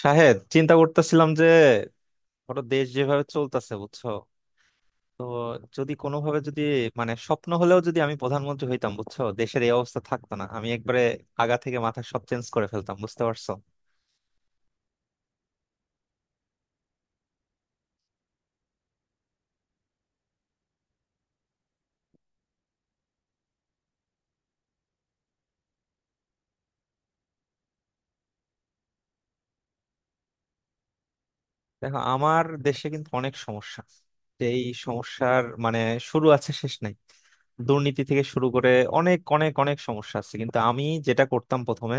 শাহেদ, চিন্তা করতেছিলাম যে ধরো দেশ যেভাবে চলতেছে, বুঝছো? তো যদি কোনোভাবে যদি মানে স্বপ্ন হলেও, যদি আমি প্রধানমন্ত্রী হইতাম, বুঝছো দেশের এই অবস্থা থাকতো না। আমি একবারে আগা থেকে মাথা সব চেঞ্জ করে ফেলতাম, বুঝতে পারছো। দেখো, আমার দেশে কিন্তু অনেক সমস্যা। এই সমস্যার মানে শুরু আছে শেষ নাই। দুর্নীতি থেকে শুরু করে অনেক অনেক অনেক সমস্যা আছে, কিন্তু আমি যেটা করতাম প্রথমে,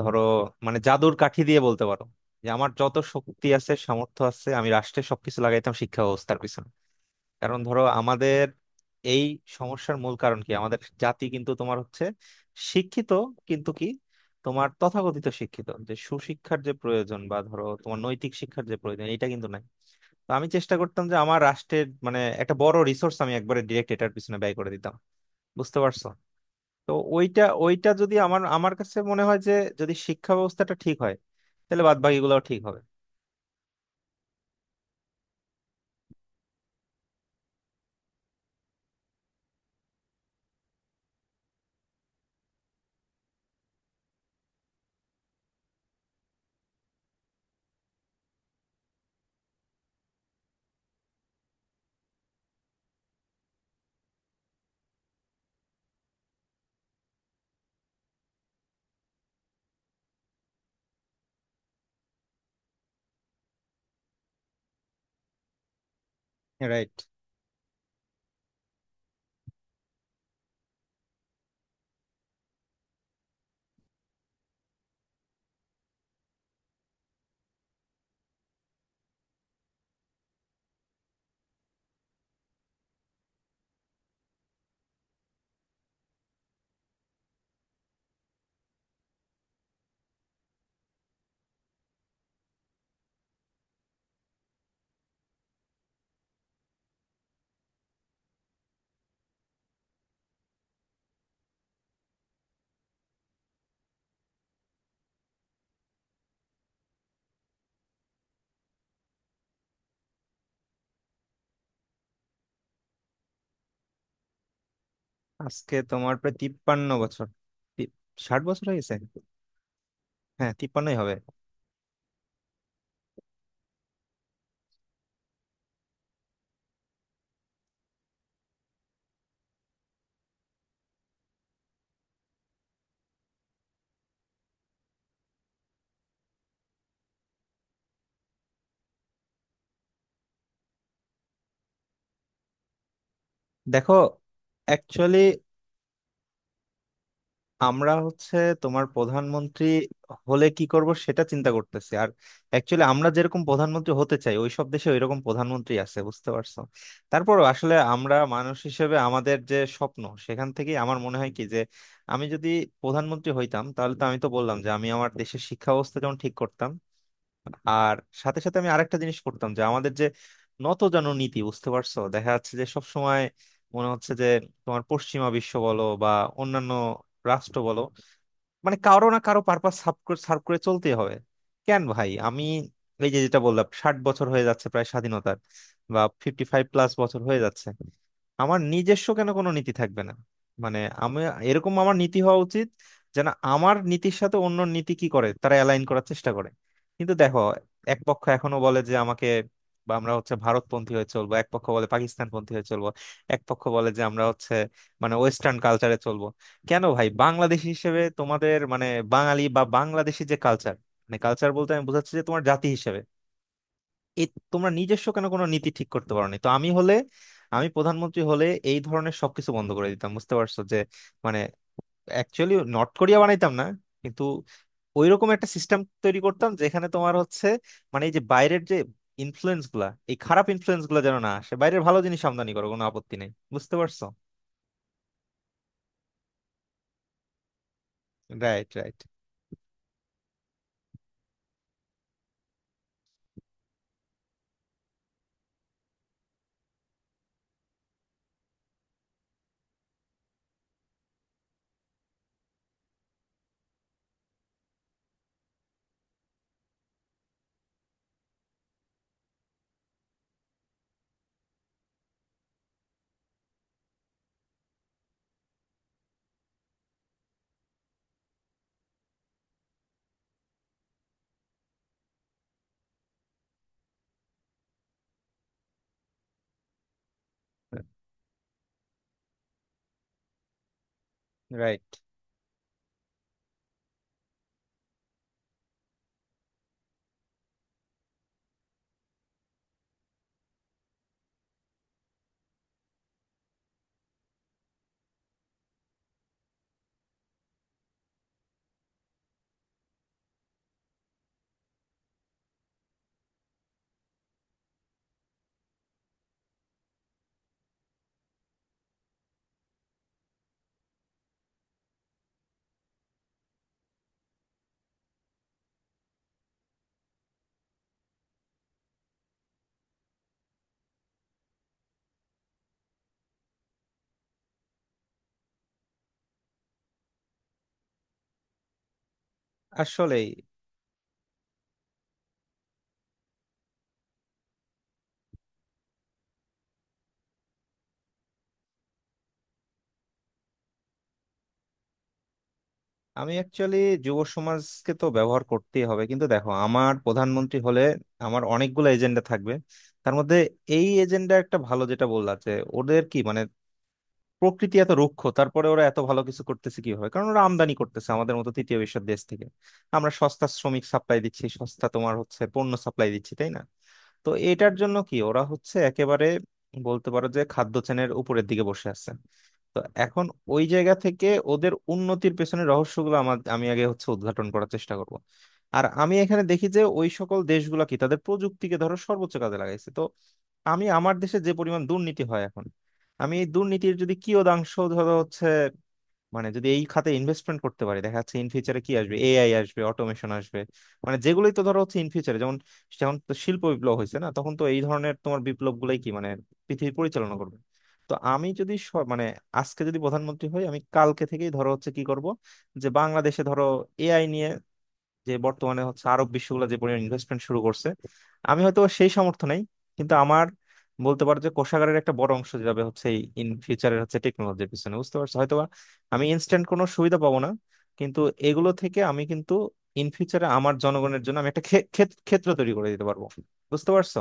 ধরো মানে জাদুর কাঠি দিয়ে বলতে পারো, যে আমার যত শক্তি আছে, সামর্থ্য আছে, আমি রাষ্ট্রের সবকিছু লাগাইতাম শিক্ষা ব্যবস্থার পিছনে। কারণ ধরো আমাদের এই সমস্যার মূল কারণ কি, আমাদের জাতি কিন্তু তোমার হচ্ছে শিক্ষিত, কিন্তু কি, তোমার তথাকথিত শিক্ষিত। যে সুশিক্ষার যে প্রয়োজন বা ধরো তোমার নৈতিক শিক্ষার যে প্রয়োজন, এটা কিন্তু নাই। তো আমি চেষ্টা করতাম যে আমার রাষ্ট্রের মানে একটা বড় রিসোর্স আমি একবারে ডিরেক্ট এটার পিছনে ব্যয় করে দিতাম, বুঝতে পারছো। তো ওইটা ওইটা যদি আমার আমার কাছে মনে হয় যে যদি শিক্ষা ব্যবস্থাটা ঠিক হয়, তাহলে বাদ বাকিগুলোও ঠিক হবে। রাইট। আজকে তোমার প্রায় 53 বছর। তি- 60 বছর হয়ে গেছে। হ্যাঁ, তিপ্পান্নই হবে। দেখো, অ্যাকচুয়ালি আমরা হচ্ছে তোমার প্রধানমন্ত্রী হলে কি করব সেটা চিন্তা করতেছি। আর অ্যাকচুয়ালি আমরা যেরকম প্রধানমন্ত্রী হতে চাই, ওইসব দেশে ওইরকম প্রধানমন্ত্রী আছে, বুঝতে পারছো। তারপর আসলে আমরা মানুষ হিসেবে আমাদের যে স্বপ্ন সেখান থেকে আমার মনে হয় কি যে আমি যদি প্রধানমন্ত্রী হইতাম, তাহলে তো আমি তো বললাম যে আমি আমার দেশের শিক্ষা ব্যবস্থা যেমন ঠিক করতাম। আর সাথে সাথে আমি আরেকটা জিনিস করতাম যে আমাদের যে নতজানু নীতি, বুঝতে পারছো, দেখা যাচ্ছে যে সব সময় মনে হচ্ছে যে তোমার পশ্চিমা বিশ্ব বলো বা অন্যান্য রাষ্ট্র বলো, মানে কারো না কারো পারপাস সার্ভ করে serve করে চলতে হবে। কেন ভাই, আমি এই যে যেটা বললাম, 60 বছর হয়ে যাচ্ছে প্রায় স্বাধীনতার, বা 55+ বছর হয়ে যাচ্ছে, আমার নিজস্ব কেন কোনো নীতি থাকবে না? মানে আমি, এরকম আমার নীতি হওয়া উচিত যেন আমার নীতির সাথে অন্য নীতি কি করে তারা অ্যালাইন করার চেষ্টা করে। কিন্তু দেখো, এক পক্ষ এখনো বলে যে আমাকে বা আমরা হচ্ছে ভারতপন্থী হয়ে চলবো, এক পক্ষ বলে পাকিস্তানপন্থী হয়ে চলবো, এক পক্ষ বলে যে আমরা হচ্ছে মানে ওয়েস্টার্ন কালচারে চলবো। কেন ভাই, বাংলাদেশী হিসেবে তোমাদের মানে বাঙালি বা বাংলাদেশী যে কালচার, মানে কালচার বলতে আমি বোঝাচ্ছি যে তোমার জাতি হিসেবে, এ, তোমরা নিজস্ব কেন কোনো নীতি ঠিক করতে পারোনি? তো আমি হলে, আমি প্রধানমন্ত্রী হলে এই ধরনের সবকিছু বন্ধ করে দিতাম, বুঝতে পারছো। যে মানে অ্যাকচুয়ালি নর্থ কোরিয়া বানাইতাম না, কিন্তু ওইরকম একটা সিস্টেম তৈরি করতাম যেখানে তোমার হচ্ছে মানে এই যে বাইরের যে ইনফ্লুয়েন্স গুলা, এই খারাপ ইনফ্লুয়েন্স গুলা যেন না আসে, বাইরের ভালো জিনিস আমদানি করো, কোনো আপত্তি নেই, বুঝতে পারছো। Right, right, right. আসলেই। আমি অ্যাকচুয়ালি যুব সমাজকে তো ব্যবহার করতেই হবে, কিন্তু দেখো আমার প্রধানমন্ত্রী হলে আমার অনেকগুলো এজেন্ডা থাকবে। তার মধ্যে এই এজেন্ডা একটা ভালো যেটা বললা যে ওদের কি মানে প্রকৃতি এত রুক্ষ, তারপরে ওরা এত ভালো কিছু করতেছে কিভাবে? কারণ ওরা আমদানি করতেছে আমাদের মতো তৃতীয় বিশ্বের দেশ থেকে। আমরা সস্তা শ্রমিক সাপ্লাই দিচ্ছি, সস্তা তোমার হচ্ছে পণ্য সাপ্লাই দিচ্ছি, তাই না? তো এটার জন্য কি ওরা হচ্ছে একেবারে বলতে পারো যে খাদ্য চেনের উপরের দিকে বসে আছে। তো এখন ওই জায়গা থেকে ওদের উন্নতির পেছনে রহস্যগুলো আমার, আমি আগে হচ্ছে উদ্ঘাটন করার চেষ্টা করব। আর আমি এখানে দেখি যে ওই সকল দেশগুলো কি তাদের প্রযুক্তিকে ধরো সর্বোচ্চ কাজে লাগাইছে। তো আমি আমার দেশে যে পরিমাণ দুর্নীতি হয় এখন, আমি এই দুর্নীতির যদি কিয়দাংশ ধরো হচ্ছে মানে যদি এই খাতে ইনভেস্টমেন্ট করতে পারি, দেখা যাচ্ছে ইন ফিউচারে কি আসবে, এআই আসবে, অটোমেশন আসবে, মানে যেগুলোই তো ধরো হচ্ছে ইন ফিউচারে, যেমন যেমন তো শিল্প বিপ্লব হয়েছে না, তখন তো এই ধরনের তোমার বিপ্লব গুলাই কি মানে পৃথিবী পরিচালনা করবে। তো আমি যদি মানে আজকে যদি প্রধানমন্ত্রী হই, আমি কালকে থেকেই ধরো হচ্ছে কি করব, যে বাংলাদেশে ধরো এআই নিয়ে যে বর্তমানে হচ্ছে আরব বিশ্বগুলো যে পরিমাণ ইনভেস্টমেন্ট শুরু করছে, আমি হয়তো সেই সামর্থ্য নেই, কিন্তু আমার বলতে পারো যে কোষাগারের একটা বড় অংশ যাবে হচ্ছে এই ইন ফিউচারের হচ্ছে টেকনোলজির পিছনে, বুঝতে পারছো। হয়তোবা আমি ইনস্ট্যান্ট কোনো সুবিধা পাবো না, কিন্তু এগুলো থেকে আমি কিন্তু ইন ফিউচারে আমার জনগণের জন্য আমি একটা ক্ষেত্র তৈরি করে দিতে পারবো, বুঝতে পারছো।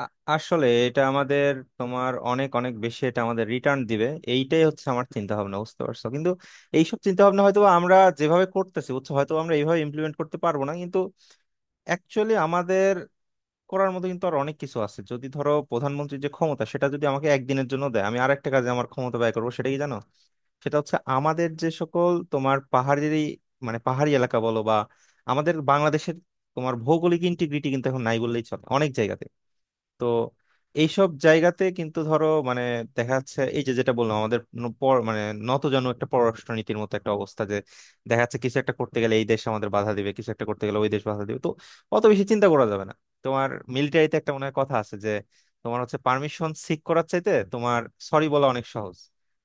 আ- আসলে এটা আমাদের, তোমার অনেক অনেক বেশি এটা আমাদের রিটার্ন দিবে। এইটাই হচ্ছে আমার চিন্তা ভাবনা, বুঝতে পারছো, কিন্তু এইসব চিন্তা ভাবনা হয়তো আমরা যেভাবে করতেছি, বুঝছো হয়তো আমরা এইভাবে ইমপ্লিমেন্ট করতে পারবো না, কিন্তু অ্যাকচুয়ালি আমাদের করার মতো কিন্তু আর অনেক কিছু আছে। যদি ধরো প্রধানমন্ত্রীর যে ক্ষমতা সেটা যদি আমাকে একদিনের জন্য দেয়, আমি আরেকটা কাজে আমার ক্ষমতা ব্যয় করবো, সেটা কি জানো? সেটা হচ্ছে আমাদের যে সকল তোমার পাহাড়ি, মানে পাহাড়ি এলাকা বলো বা আমাদের বাংলাদেশের তোমার ভৌগোলিক ইন্টিগ্রিটি কিন্তু এখন নাই বললেই চলে অনেক জায়গাতে। তো এইসব জায়গাতে কিন্তু ধরো মানে দেখা যাচ্ছে এই যে যেটা বললাম, আমাদের মানে নতজানু একটা পররাষ্ট্রনীতির মতো একটা অবস্থা যে দেখা যাচ্ছে কিছু একটা করতে গেলে এই দেশ আমাদের বাধা দিবে, কিছু একটা করতে গেলে ওই দেশ বাধা দিবে। তো অত বেশি চিন্তা করা যাবে না। তোমার মিলিটারিতে একটা মনে হয় কথা আছে যে তোমার হচ্ছে পারমিশন সিক করার চাইতে তোমার সরি বলা অনেক সহজ।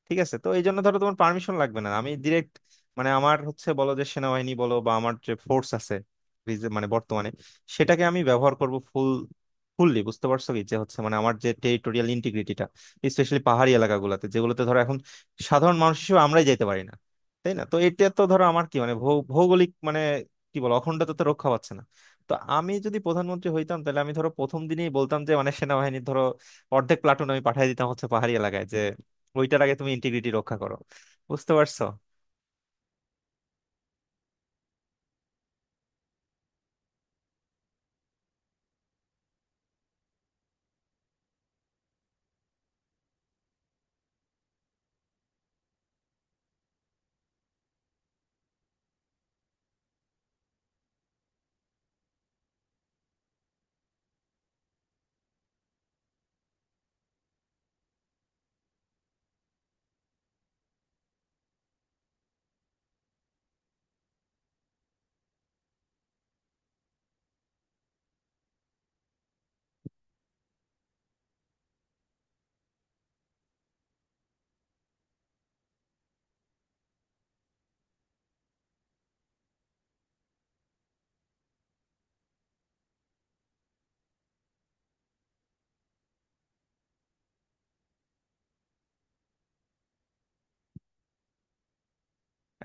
ঠিক আছে, তো এই জন্য ধরো তোমার পারমিশন লাগবে না, আমি ডিরেক্ট মানে আমার হচ্ছে বলো যে সেনাবাহিনী বলো বা আমার যে ফোর্স আছে মানে বর্তমানে, সেটাকে আমি ব্যবহার করব ফুল ফুললি, বুঝতে পারছো, কি যে হচ্ছে মানে আমার যে টেরিটোরিয়াল ইন্টিগ্রিটিটা স্পেশালি পাহাড়ি এলাকাগুলোতে যেগুলোতে ধরো এখন সাধারণ মানুষ হিসেবে আমরাই যেতে পারি না, তাই না? তো এটা তো ধরো আমার কি মানে ভৌগোলিক মানে কি বল অখণ্ডতা তো রক্ষা পাচ্ছে না। তো আমি যদি প্রধানমন্ত্রী হইতাম তাহলে আমি ধরো প্রথম দিনেই বলতাম যে মানে সেনাবাহিনীর ধরো অর্ধেক প্লাটুন আমি পাঠিয়ে দিতাম হচ্ছে পাহাড়ি এলাকায়, যে ওইটার আগে তুমি ইন্টিগ্রিটি রক্ষা করো, বুঝতে পারছো।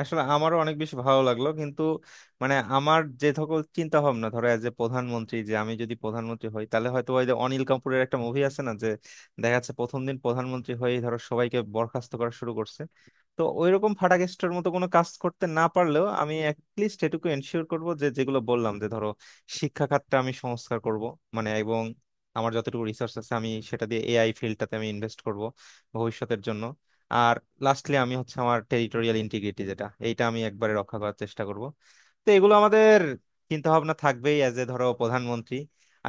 আসলে আমারও অনেক বেশি ভালো লাগলো, কিন্তু মানে আমার যে সকল চিন্তা ভাবনা ধরো এজ এ প্রধানমন্ত্রী, যে আমি যদি প্রধানমন্ত্রী হই, তাহলে হয়তো ওই যে অনিল কাপুরের একটা মুভি আছে না, যে দেখা যাচ্ছে প্রথম দিন প্রধানমন্ত্রী হয়ে ধরো সবাইকে বরখাস্ত করা শুরু করছে, তো ওইরকম ফাটাকেস্টের মতো কোনো কাজ করতে না পারলেও আমি অ্যাটলিস্ট এটুকু এনশিওর করব যে যেগুলো বললাম, যে ধরো শিক্ষা খাতটা আমি সংস্কার করব, মানে, এবং আমার যতটুকু রিসার্চ আছে আমি সেটা দিয়ে এআই ফিল্ডটাতে আমি ইনভেস্ট করব ভবিষ্যতের জন্য। আর লাস্টলি আমি হচ্ছে আমার টেরিটোরিয়াল ইন্টিগ্রিটি যেটা, এইটা আমি একবারে রক্ষা করার চেষ্টা করব। তো এগুলো আমাদের চিন্তা ভাবনা থাকবেই অ্যাজ এ ধরো প্রধানমন্ত্রী।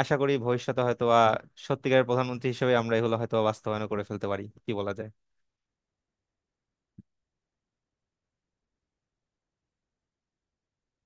আশা করি ভবিষ্যতে হয়তো বা সত্যিকারের প্রধানমন্ত্রী হিসেবে আমরা এগুলো হয়তো বা বাস্তবায়ন করে ফেলতে পারি, কি বলা যায়।